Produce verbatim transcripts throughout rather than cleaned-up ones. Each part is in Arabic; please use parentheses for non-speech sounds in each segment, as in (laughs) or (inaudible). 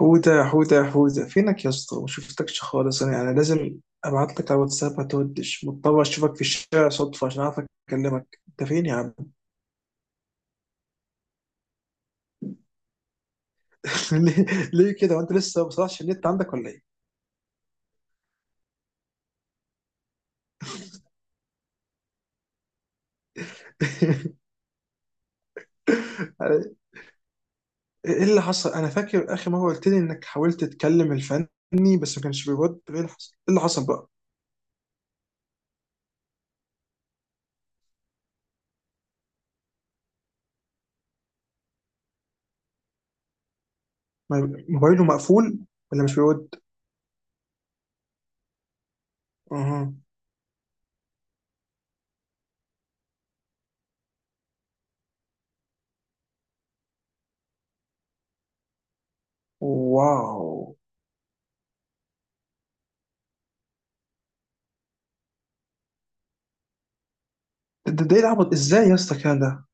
حودة حودة حودة فينك يا اسطى؟ ما شفتكش خالص. انا يعني لازم ابعت لك على واتساب، ما تودش مضطر اشوفك في الشارع صدفة عشان اعرف اكلمك. انت فين يا عم؟ (laughs) ليه؟ ليه كده وانت لسه ما بصلحش النت عندك ولا ايه؟ (laughs) ايه اللي حصل؟ انا فاكر اخر مرة قلت لي انك حاولت تكلم الفني بس ما كانش بيرد. ايه اللي حصل؟ ايه اللي حصل بقى ما- موبايله مقفول ولا مش بيرد؟ اها. واو. ده ده ده ايه العبط ازاي يا اسطى كده؟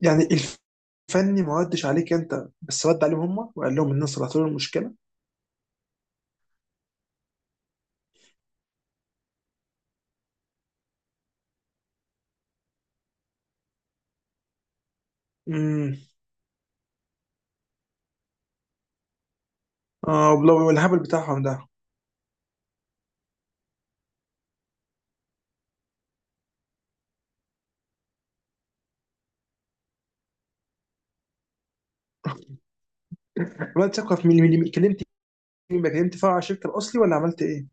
يعني الفني ما ردش عليك انت بس رد عليهم هم وقال لهم ان انا صلحت لهم المشكله؟ امم. اه والله، والهبل بتاعهم ده. عملت ثقه في مين؟ مين مين- كلمت مين بقى؟ كلمت فرع الشركه الاصلي ولا عملت ايه؟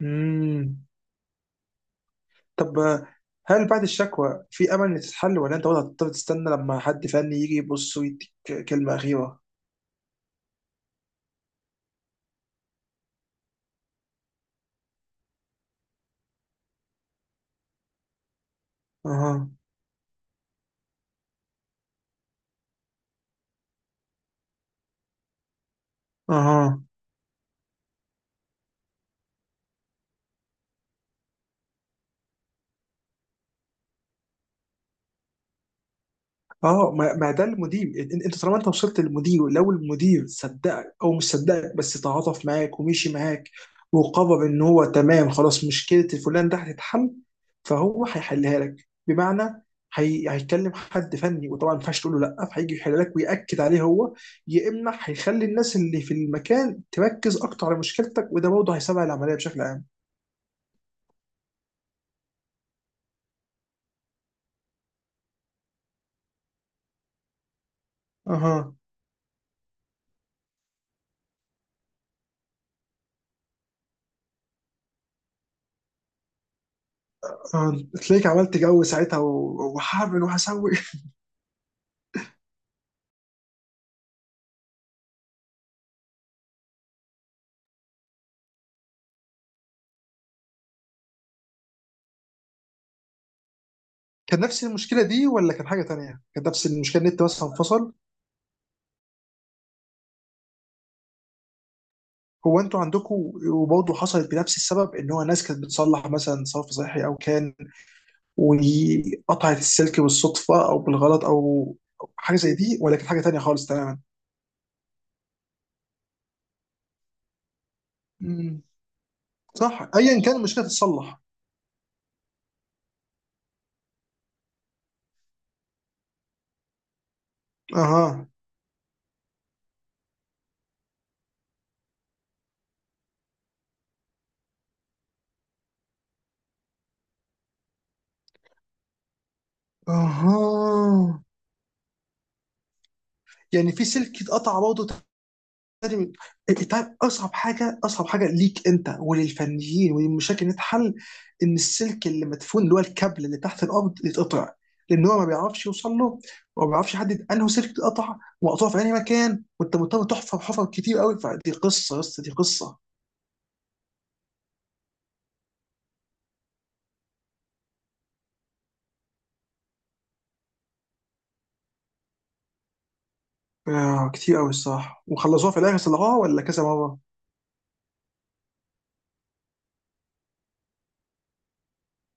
امم. طب آه، هل بعد الشكوى في امل ان تتحل ولا انت برضه هتضطر تستنى لما حد فني يجي يبص ويديك كلمه اخيره؟ اها. اها. اه، ما ما ده المدير. إن- انت طالما انت وصلت للمدير، لو المدير صدقك او مش صدقك بس تعاطف معاك ومشي معاك وقرر ان هو تمام خلاص مشكله الفلان ده هتتحل، فهو هيحلها لك. بمعنى هي... هيكلم حد فني، وطبعا ما ينفعش تقول له لا، فهيجي يحل لك ويأكد عليه هو، يا اما هيخلي الناس اللي في المكان تركز اكتر على مشكلتك، وده برضه هيسرع العمليه بشكل عام. اها. آه، تلاقيك عملت جو ساعتها و- وهعمل وهسوي. كان نفس المشكله دي ولا كان حاجه تانية؟ كان نفس المشكله، النت مثلا انفصل؟ هو انتوا عندكم وبرضه حصلت بنفس السبب ان هو ناس كانت بتصلح مثلا صرف صحي او كان وقطعت السلك بالصدفه او بالغلط او أو حاجه زي دي، ولا كانت حاجه تانية خالص تماما؟ مم. صح، ايا كان المشكله تتصلح. اها. اها. يعني في سلك اتقطع برضه لازم. طيب اصعب حاجه، اصعب حاجه ليك انت وللفنيين وللمشاكل اللي تتحل ان السلك اللي مدفون، اللي هو الكابل اللي تحت الارض، يتقطع، لان هو ما بيعرفش يوصل له، وما بيعرفش يحدد انه سلك اتقطع وقطعه في انهي مكان، وانت مضطر تحفر حفر كتير قوي. فدي قصه يا اسطى، دي قصه. آه، كتير قوي الصراحه. وخلصوها في الاخر، صلحوها ولا كذا مره؟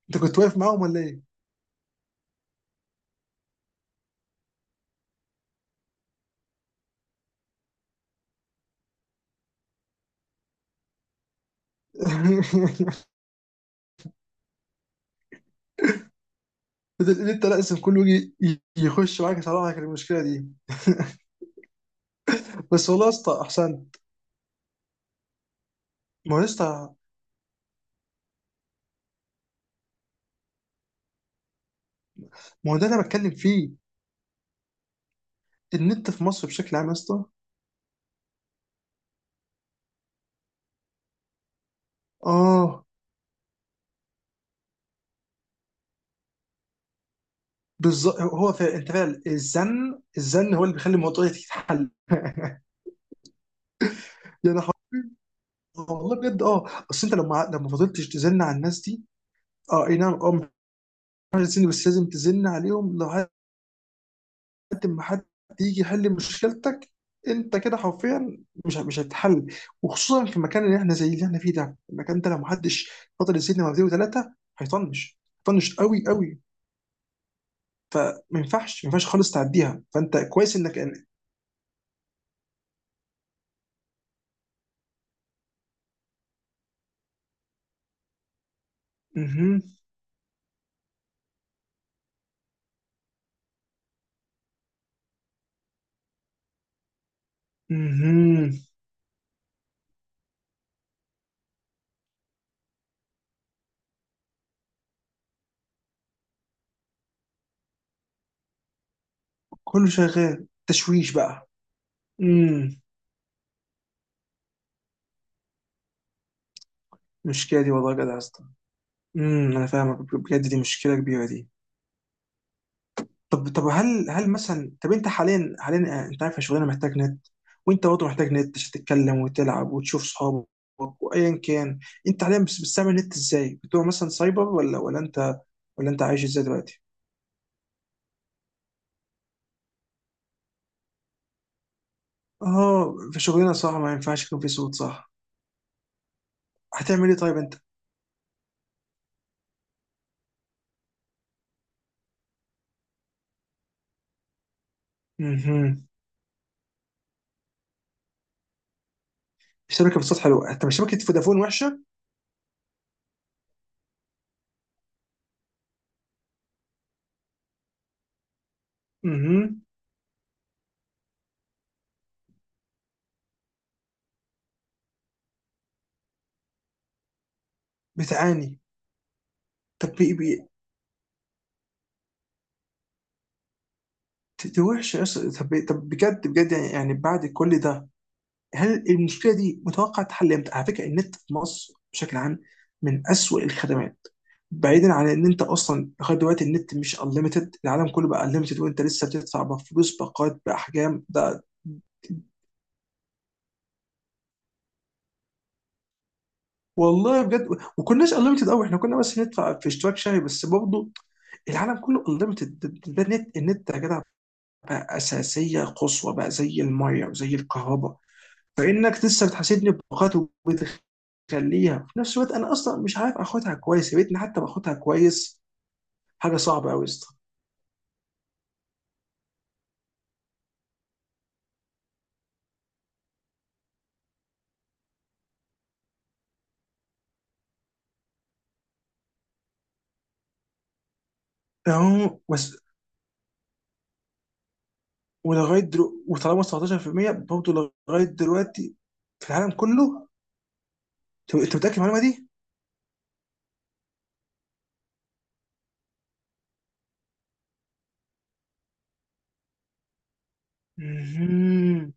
انت كنت واقف معاهم ولا ايه؟ (laughs) بدل ان انت لازم كله يجي يخش معاك يصلح لك المشكله دي. بس والله يا اسطى احسن. ما هو يا اسطى، ما هو ده اللي انا بتكلم فيه. النت في مصر بشكل عام يا اسطى. اه. بالظبط، هو فعلا انت فعلا الزن، الزن هو اللي بيخلي الموضوع يتحل. (laughs) يعني حرفيا. والله بجد. اه، اصل انت لما، لما فضلتش تزن على الناس دي. اه، اي نعم. اه، مش عارف تزن بس لازم تزن عليهم لحد ما حد يجي يحل مشكلتك. انت كده حرفيا مش مش هتتحل، وخصوصا في المكان اللي احنا زي اللي احنا فيه ده. المكان ده لو محدش فضل يزن مرتين وثلاثه هيطنش، هيطنش قوي قوي. فما ينفعش ما ينفعش خالص تعديها، فانت كويس انك. اها. اها. كله شغال، تشويش بقى. امم. المشكله دي والله جدع يا اسطى. امم، انا فاهمك بجد، دي مشكله كبيره دي. طب طب هل هل مثلا، طب انت حاليا، حاليا آه، انت عارف شغلنا محتاج نت، وانت برضه محتاج نت عشان تتكلم وتلعب وتشوف صحابك وايا كان. انت حاليا بس بتستعمل نت ازاي؟ بتبقى مثلا سايبر ولا ولا انت، ولا انت عايش ازاي دلوقتي؟ اه، في شغلنا صح، ما ينفعش يكون في صوت، صح. هتعمل ايه طيب انت؟ مهم. الشبكه في السطح حلوه؟ طب شبكه فودافون وحشه. مهم. بتعاني. طب بي بي ت- دي وحشه أصلاً. طب طب بجد بجد، يعني يعني بعد كل ده هل المشكله دي متوقع تحل امتى؟ على فكره النت في مصر بشكل عام من أسوأ الخدمات. بعيدا عن ان انت اصلا لغايه دلوقتي النت مش انليمتد، العالم كله بقى انليمتد وانت لسه بتدفع بفلوس باقات باحجام ده. والله بجد. وكناش انليمتد قوي، احنا كنا بس ندفع في اشتراك شهري بس برضه. العالم كله انليمتد، ده ده ده النت، النت يا جدع بقى اساسيه قصوى بقى زي الميه وزي الكهرباء. فانك لسه بتحاسبني بقات وبتخليها، في نفس الوقت انا اصلا مش عارف اخدها كويس، يا ريتني حتى باخدها كويس. حاجه صعبه قوي. اهو بس. ولغايه دلوقتي وطالما تسعتاشر في المية برضه لغايه دلوقتي في العالم كله. انت أنت متاكد من المعلومه دي؟ مهم.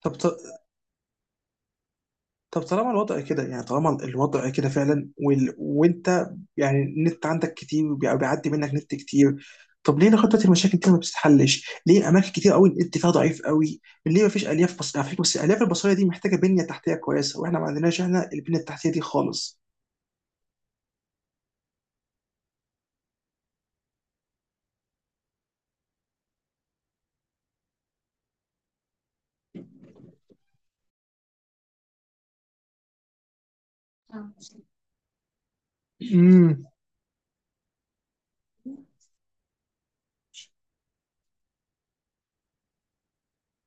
طب طب طالما الوضع كده، يعني طالما الوضع كده فعلا وال... وانت يعني النت عندك كتير وبي- وبيعدي منك نت كتير، طب ليه خطة المشاكل دي ما بتتحلش؟ ليه اماكن كتير قوي النت فيها ضعيف قوي؟ ليه ما فيش الياف؟ بص... على فكرة بس الالياف البصرية دي محتاجة بنية تحتية كويسة واحنا ما عندناش احنا البنية التحتية دي خالص. آه. امم.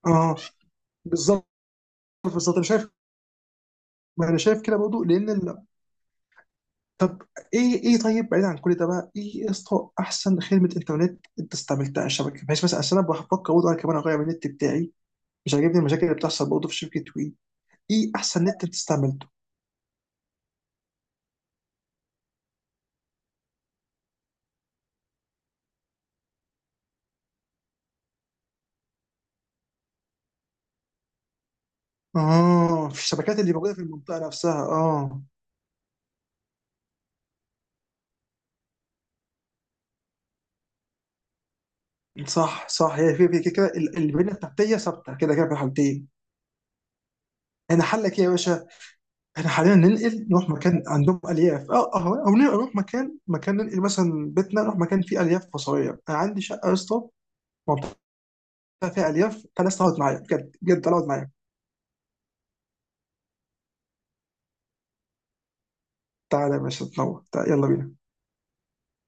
اه بالظبط. بالظبط انا شايف. ما انا شايف كده برضه لان ال- طب ايه، ايه طيب بعيد عن كل ده بقى، ايه يا اسطى احسن خدمه انترنت انت استعملتها على الشبكه؟ بحيث مثلا عشان انا بفكر برضه انا كمان اغير النت بتاعي، مش عاجبني المشاكل اللي بتحصل برضه في شبكه وي. ايه احسن نت انت استعملته؟ اه، في الشبكات اللي موجوده في المنطقه نفسها، اه. صح صح، هي في في كده كده ال- البنيه التحتيه ثابته كده كده في الحالتين. احنا حلك ايه يا باشا؟ احنا حاليا ننقل نروح مكان عندهم الياف، اه اه، او ننقل نروح مكان، مكان ننقل مثلا بيتنا نروح مكان فيه الياف فصليه. انا عندي شقه يا اسطى فيها الياف، فالناس تقعد معايا، بجد بجد تعالى اقعد معايا. تعالى يا باشا تنور، تعالى، يلا بينا.